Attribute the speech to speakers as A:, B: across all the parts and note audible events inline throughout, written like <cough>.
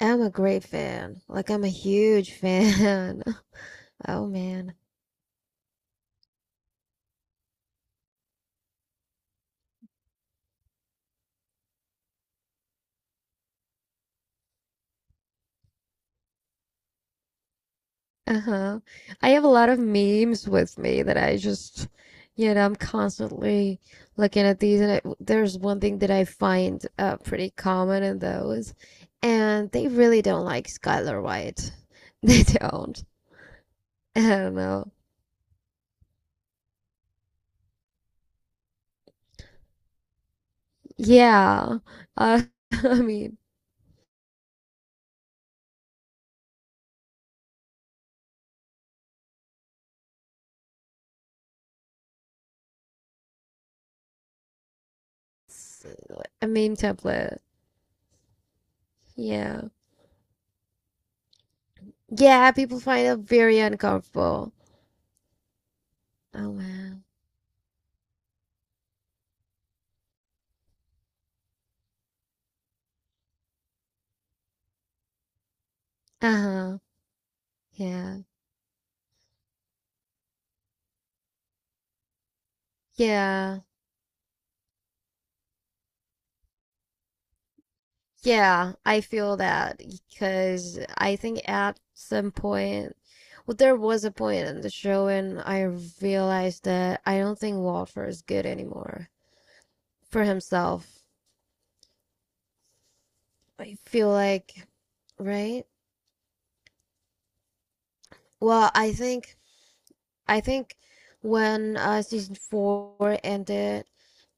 A: I'm a great fan. Like, I'm a huge fan. <laughs> Oh man. Uh-huh. I have a lot of memes with me that I just I'm constantly looking at these and I, there's one thing that I find pretty common in those, and they really don't like Skylar White. <laughs> They don't. I don't know. Yeah. Uh, <laughs> I mean, it's a meme template. Yeah. Yeah, people find it very uncomfortable. Oh man. Uh-huh. Yeah. Yeah. Yeah. I feel that because I think at some point, well, there was a point in the show and I realized that I don't think Walter is good anymore for himself. I feel like, right? Well, I think when season four ended,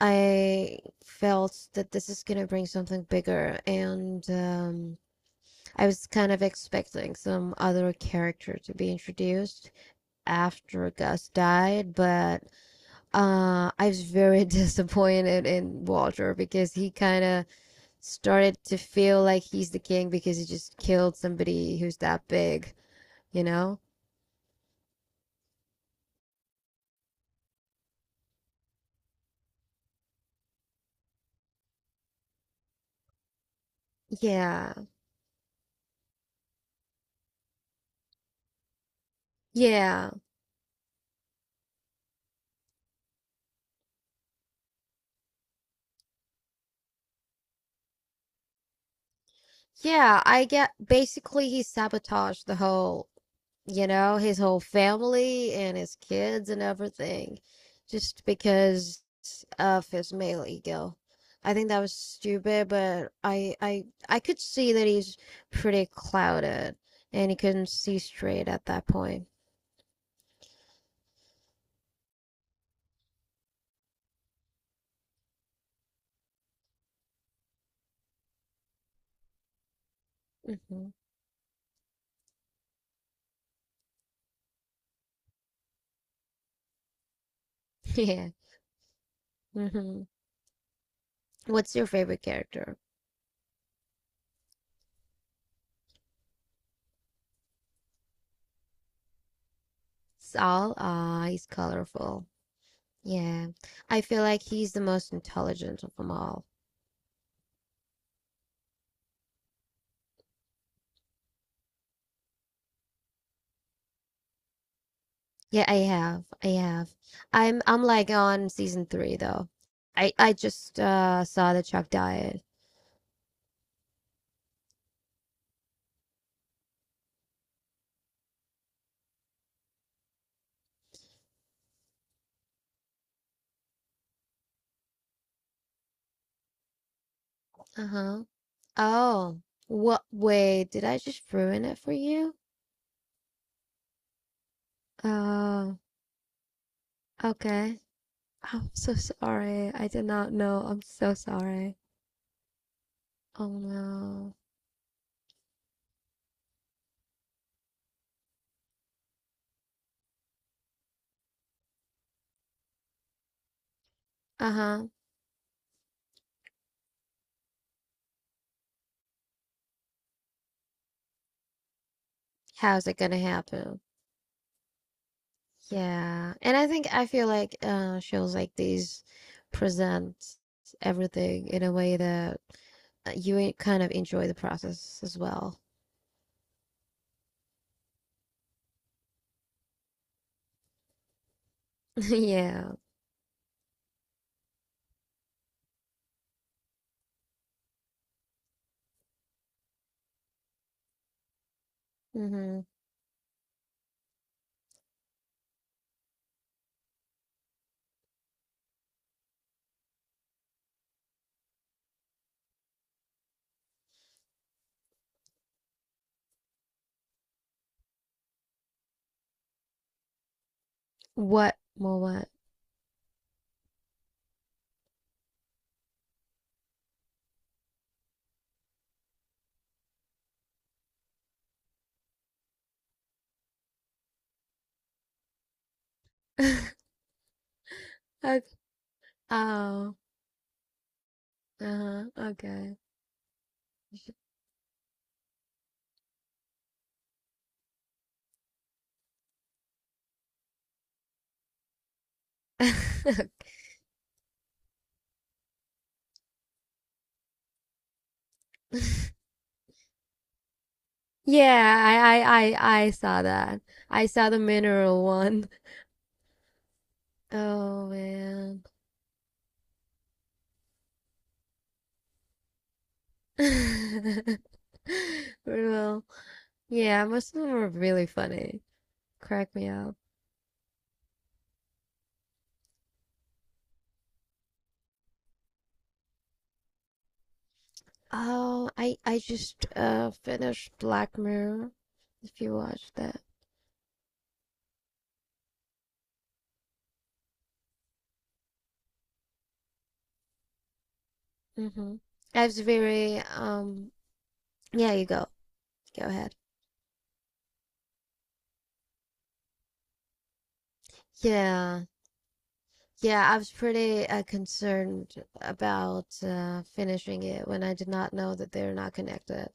A: I felt that this is gonna bring something bigger, and, I was kind of expecting some other character to be introduced after Gus died, but I was very <laughs> disappointed in Walter because he kind of started to feel like he's the king because he just killed somebody who's that big, you know? Yeah, yeah, yeah, I get basically he sabotaged the whole, you know, his whole family and his kids and everything, just because of his male ego. I think that was stupid, but I could see that he's pretty clouded and he couldn't see straight at that point. Hmm. <laughs> Yeah. Hmm. What's your favorite character? Saul? Ah, he's colorful. Yeah. I feel like he's the most intelligent of them all. Yeah, I have. I have. I'm like on season three though. I just saw the Chuck Diet. Uh-huh. Oh. What, wait, did I just ruin it for you? Oh, okay. I'm so sorry. I did not know. I'm so sorry. Oh no. Uh-huh. How's it gonna happen? Yeah, and I think I feel like shows like these present everything in a way that kind of enjoy the process as well. <laughs> Yeah. Mm-hmm. What? More what? <laughs> Okay. Oh. Uh-huh. Okay. <laughs> Okay. <laughs> Yeah, I saw that. I saw the mineral one. Oh man. <laughs> Well, yeah, most of them were really funny. Crack me up. Oh, I just finished Black Mirror. If you watched that, mm-hmm. I was very Yeah, you go. Go ahead. Yeah, yeah. I was pretty concerned about finishing it when I did not know that they're not connected.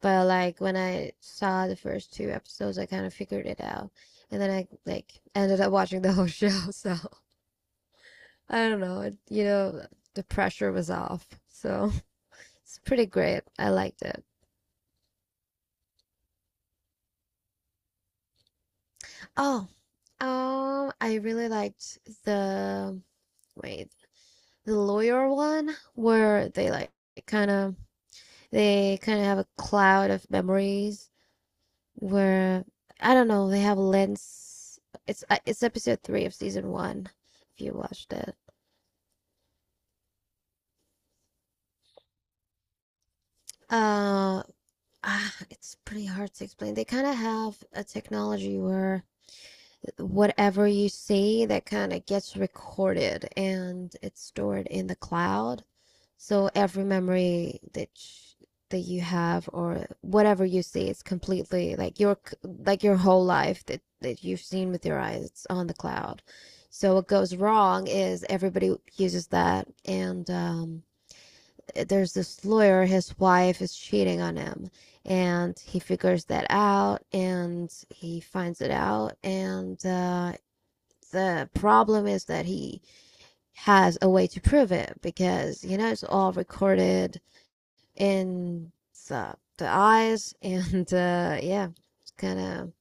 A: But like when I saw the first two episodes, I kind of figured it out, and then I like ended up watching the whole <laughs> show. So I don't know. It, you know, the pressure was off. So. It's pretty great. I liked it. Oh, I really liked the, wait, the lawyer one where they like kind of, they kind of have a cloud of memories where I don't know, they have lens. It's episode 3 of season 1 if you watched it. Uh, it's pretty hard to explain. They kind of have a technology where whatever you see that kind of gets recorded and it's stored in the cloud. So every memory that you have or whatever you see is completely like your, like your whole life that you've seen with your eyes, it's on the cloud. So what goes wrong is everybody uses that, and there's this lawyer, his wife is cheating on him, and he figures that out, and he finds it out, and the problem is that he has a way to prove it because you know it's all recorded in the eyes <laughs> and yeah, it's kind of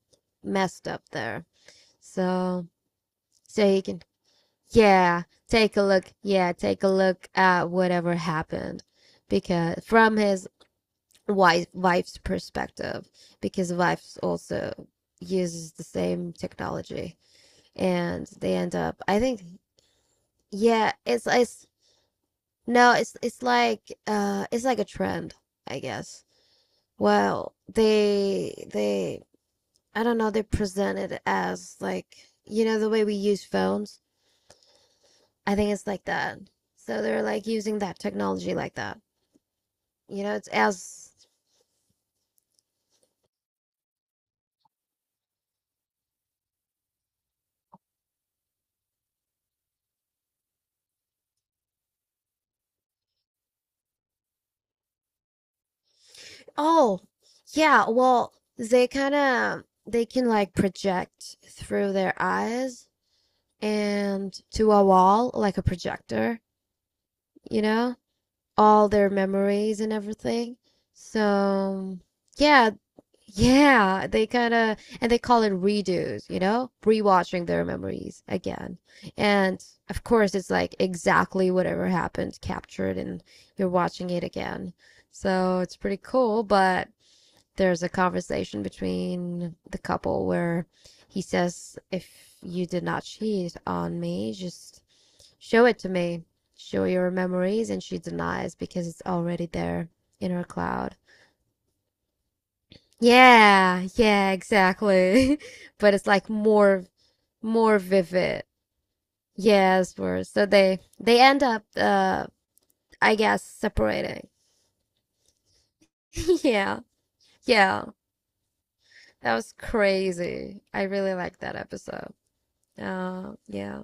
A: messed up there. So so he can yeah, take a look, yeah, take a look at whatever happened because from his wife's perspective, because wife also uses the same technology, and they end up, I think. Yeah, it's no, it's like it's like a trend, I guess. Well, they, I don't know, they present it as like, you know, the way we use phones. I think it's like that. So they're like using that technology like that. You know, it's as, oh, yeah, well, they kind of they can like project through their eyes and to a wall like a projector, you know? All their memories and everything. So yeah, yeah, they kind of, and they call it redos, you know, rewatching their memories again. And of course, it's like exactly whatever happened captured, and you're watching it again. So it's pretty cool. But there's a conversation between the couple where he says, "If you did not cheat on me, just." Show it to me. Show your memories, and she denies because it's already there in her cloud. Yeah, yeah, exactly. <laughs> But it's like more vivid. Yes, worse. So they end up I guess separating. <laughs> Yeah. Yeah. That was crazy. I really liked that episode. Uh, yeah.